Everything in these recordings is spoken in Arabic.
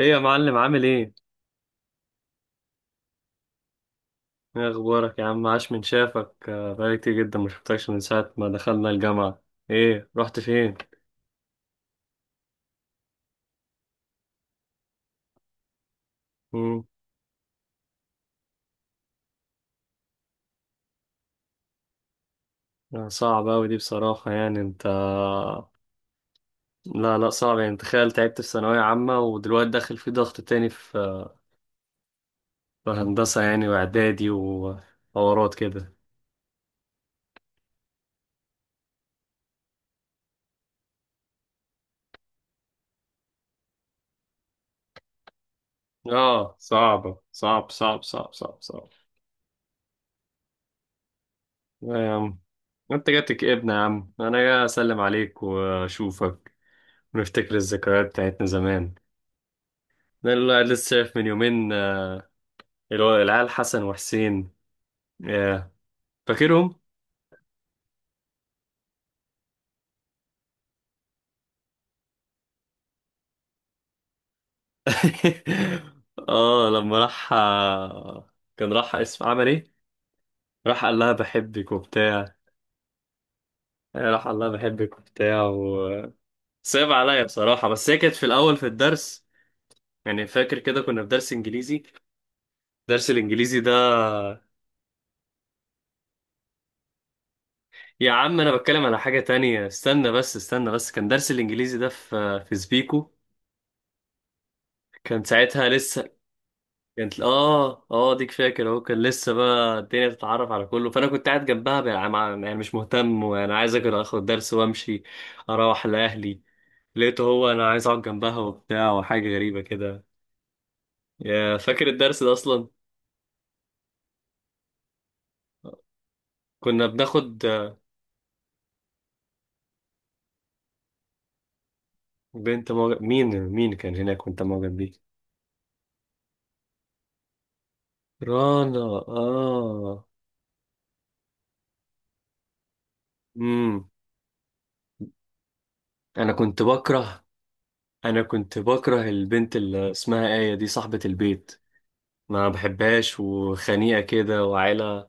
ايه يا معلم، عامل ايه؟ ايه اخبارك يا عم، عاش من شافك، بقالي كتير جدا ما شفتكش من ساعة ما دخلنا الجامعة. ايه رحت فين؟ مم. آه، صعب اوي دي بصراحة، يعني انت، لا لا، صعب، يعني تخيل، تعبت في ثانوية عامة ودلوقتي داخل في ضغط تاني في في هندسة يعني، واعدادي وحوارات كده. اه، صعبة، صعب صعب صعب صعب صعب. لا يا عم، انت جاتك ابن يا عم، انا جاي اسلم عليك واشوفك ونفتكر الذكريات بتاعتنا زمان. ده اللي الواحد لسه شايف من يومين اللي هو العيال حسن وحسين. ياه. فاكرهم. اه، لما راح كان راح، اسم، عمل ايه، راح قال لها بحبك وبتاع. آه، راح قال لها بحبك وبتاع، وصعب عليا بصراحة، بس هي كانت في الأول في الدرس. يعني فاكر كده كنا في درس إنجليزي، درس الإنجليزي ده. يا عم أنا بتكلم على حاجة تانية، استنى بس، استنى بس، كان درس الإنجليزي ده في في سبيكو. كان ساعتها لسه، كانت اه ديك، فاكر اهو، كان لسه بقى الدنيا تتعرف على كله، فانا كنت قاعد جنبها بقى يعني مش مهتم، وانا عايز اكل اخد درس وامشي اروح لاهلي. لقيته هو انا عايز اقعد جنبها وبتاع، وحاجه غريبه كده. يا فاكر الدرس ده اصلا؟ كنا بناخد. بنت موجب، مين كان هناك وانت معجب بيه؟ رانا. اه. امم. انا كنت بكره، انا كنت بكره البنت اللي اسمها آية دي، صاحبة البيت، ما بحبهاش، وخنيقة كده، وعيلة.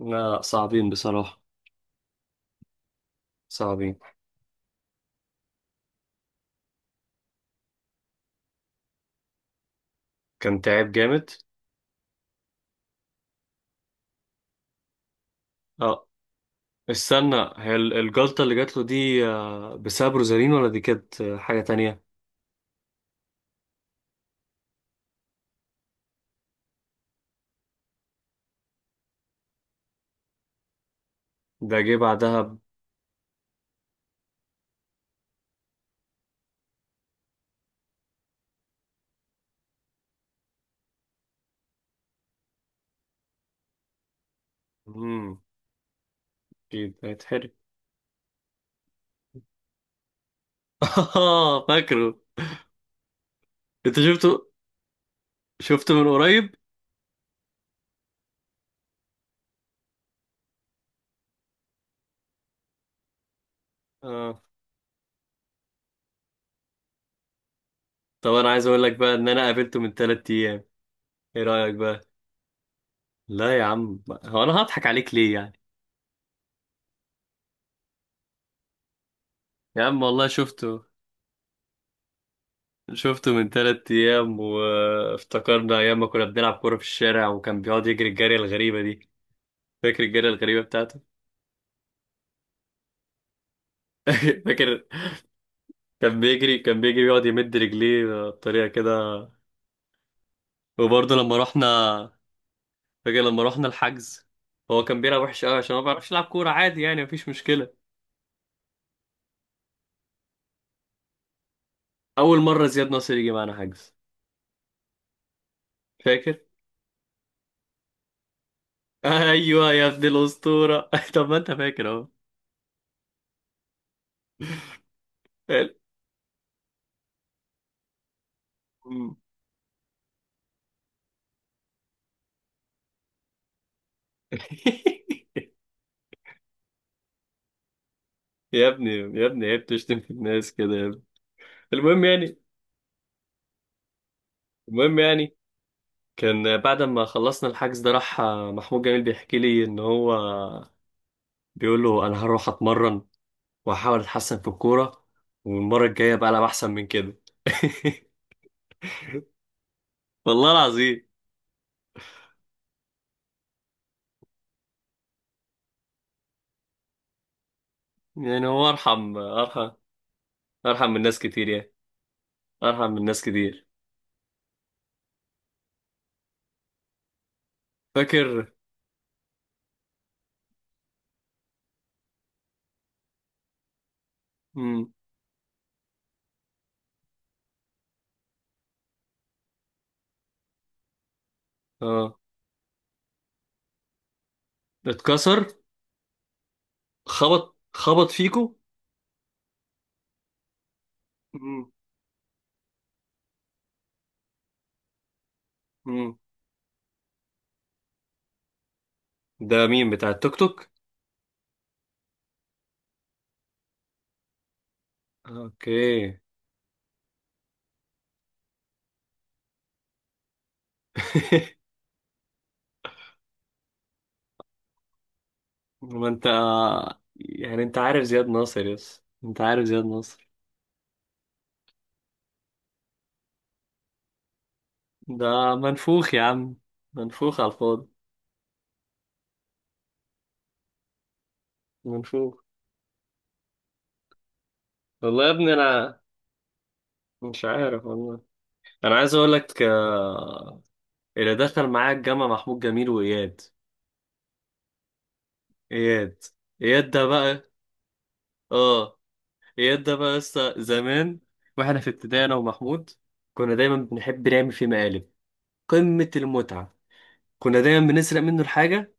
لا، صعبين بصراحة، صعبين. كان تعب جامد. اه، استنى، الجلطة اللي جات له دي بسبب روزالين، ولا دي كانت حاجة تانية؟ ده جه بعدها ب- مم، اكيد هيتحرق. فاكره. انت شفته؟ شفته من قريب؟ اه. طب انا عايز اقول لك بقى ان انا قابلته من ثلاث ايام، ايه رأيك بقى؟ لا يا عم، هو انا هضحك عليك ليه يعني؟ يا عم والله شفته، شفته من تلات أيام، وافتكرنا أيام ما كنا بنلعب كورة في الشارع، وكان بيقعد يجري الجري الغريبة دي. فاكر الجري الغريبة بتاعته؟ فاكر. كان بيجري يقعد يمد رجليه بطريقة كده. وبرضه لما رحنا، فاكر لما رحنا الحجز، هو كان بيلعب وحش أوي عشان ما بيعرفش يلعب كورة عادي، يعني مفيش مشكلة. أول مرة زياد ناصر يجي معانا حجز، فاكر؟ أيوه يا ابن الأسطورة. طب ما أنت فاكر أهو. يا ابني، يا ابني، عيب تشتم في الناس كده يا ابني. المهم يعني، المهم يعني، كان بعد ما خلصنا الحجز ده راح محمود جميل بيحكي لي ان هو بيقول له، انا هروح اتمرن واحاول اتحسن في الكوره، والمره الجايه بقى العب احسن من كده. والله العظيم. يعني هو ارحم، ارحم ارحم من ناس كتير يعني، ارحم من ناس كتير. فاكر. امم. اه. اتكسر. خبط، خبط فيكو. امم. امم. ده مين بتاع التوك توك؟ اوكي. ما انت، يعني انت عارف زياد ناصر، يس انت عارف زياد ناصر. ده منفوخ يا عم، منفوخ على الفاضي. منفوخ. والله يا ابني انا مش عارف والله. انا عايز اقول لك اللي دخل معايا الجامعة محمود جميل واياد. اياد. اياد ده بقى، اه، اياد ده بقى لسه زمان، واحنا في ابتدائي، انا ومحمود كنا دايما بنحب نعمل فيه مقالب، قمة المتعة. كنا دايما بنسرق منه الحاجة،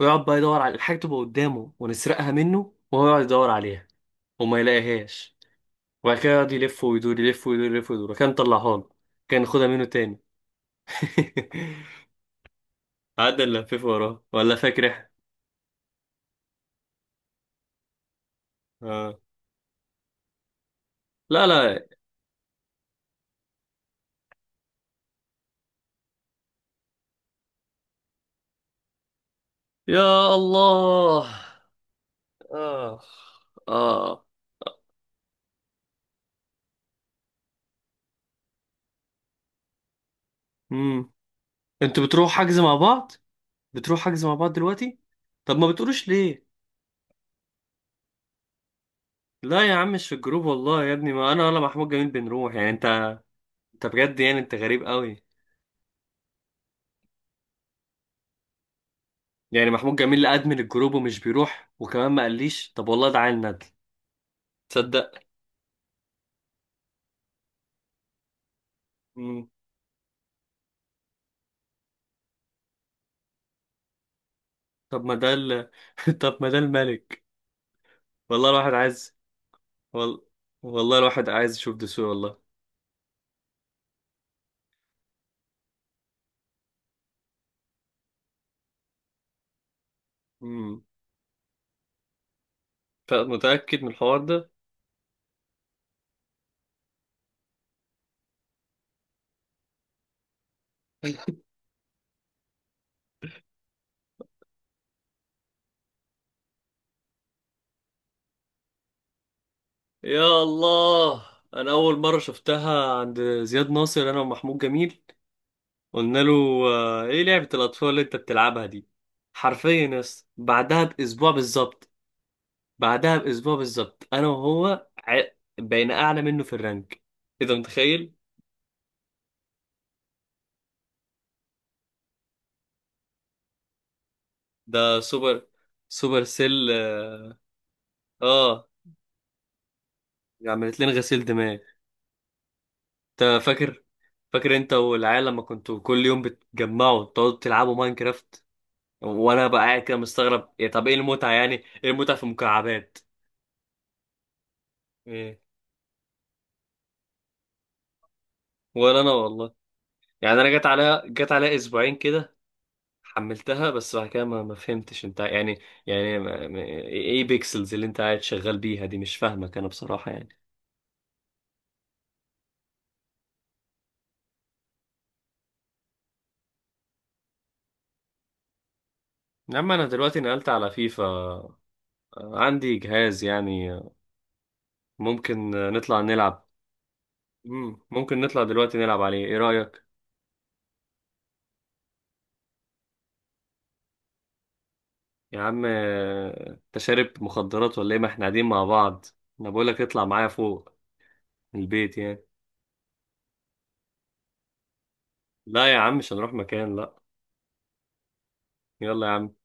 ويقعد بقى يدور على الحاجة، تبقى قدامه ونسرقها منه، وهو يقعد يدور عليها وما يلاقيهاش، وبعد كده يقعد يلف ويدور، يلف ويدور، يلف ويدور. كان طلعها له، كان ياخدها منه تاني. قعدنا نلفف وراه، ولا فاكر احنا؟ آه. لا لا. يا الله. اه. اه. امم. انتوا بتروحوا حجز مع بعض؟ بتروحوا حجز مع بعض دلوقتي؟ طب ما بتقولوش ليه؟ لا يا عم، مش في الجروب، والله يا ابني ما انا ولا محمود جميل بنروح، يعني انت، انت بجد، يعني انت غريب قوي. يعني محمود جميل ادمن الجروب ومش بيروح، وكمان ما قاليش؟ طب والله ده عيل ندل. تصدق. مم. طب ما ده طب ما ده الملك. والله الواحد عايز، وال... والله الواحد عايز يشوف دسوقي والله. مم. فمتأكد من الحوار ده؟ يا الله. انا اول مرة شفتها عند زياد ناصر، انا ومحمود جميل، قلنا له ايه لعبة الاطفال اللي انت بتلعبها دي؟ حرفيا يا اسطى بعدها باسبوع بالظبط، بعدها باسبوع بالظبط انا وهو بقينا اعلى منه في الرانك، اذا متخيل. ده سوبر، سوبر سيل، اه. آه، عملت لنا غسيل دماغ. انت فاكر؟ فاكر انت والعيال لما كنتوا كل يوم بتجمعوا تقعدوا تلعبوا ماينكرافت، وانا بقى قاعد كده مستغرب، يا طب ايه المتعه يعني؟ ايه المتعه في المكعبات؟ ايه. ولا انا والله. يعني انا جت عليا، جت عليا اسبوعين كده، حملتها، بس بعد كده ما فهمتش انت يعني. يعني ايه بيكسلز اللي انت قاعد شغال بيها دي؟ مش فاهمك انا بصراحة يعني. لما انا دلوقتي نقلت على فيفا عندي جهاز يعني، ممكن نطلع نلعب. مم، ممكن نطلع دلوقتي نلعب عليه، ايه رأيك؟ يا عم انت شارب مخدرات ولا ايه، ما احنا قاعدين مع بعض. انا بقولك اطلع معايا فوق، من البيت يعني. لا يا عم، مش هنروح مكان، لا. يلا يا عم.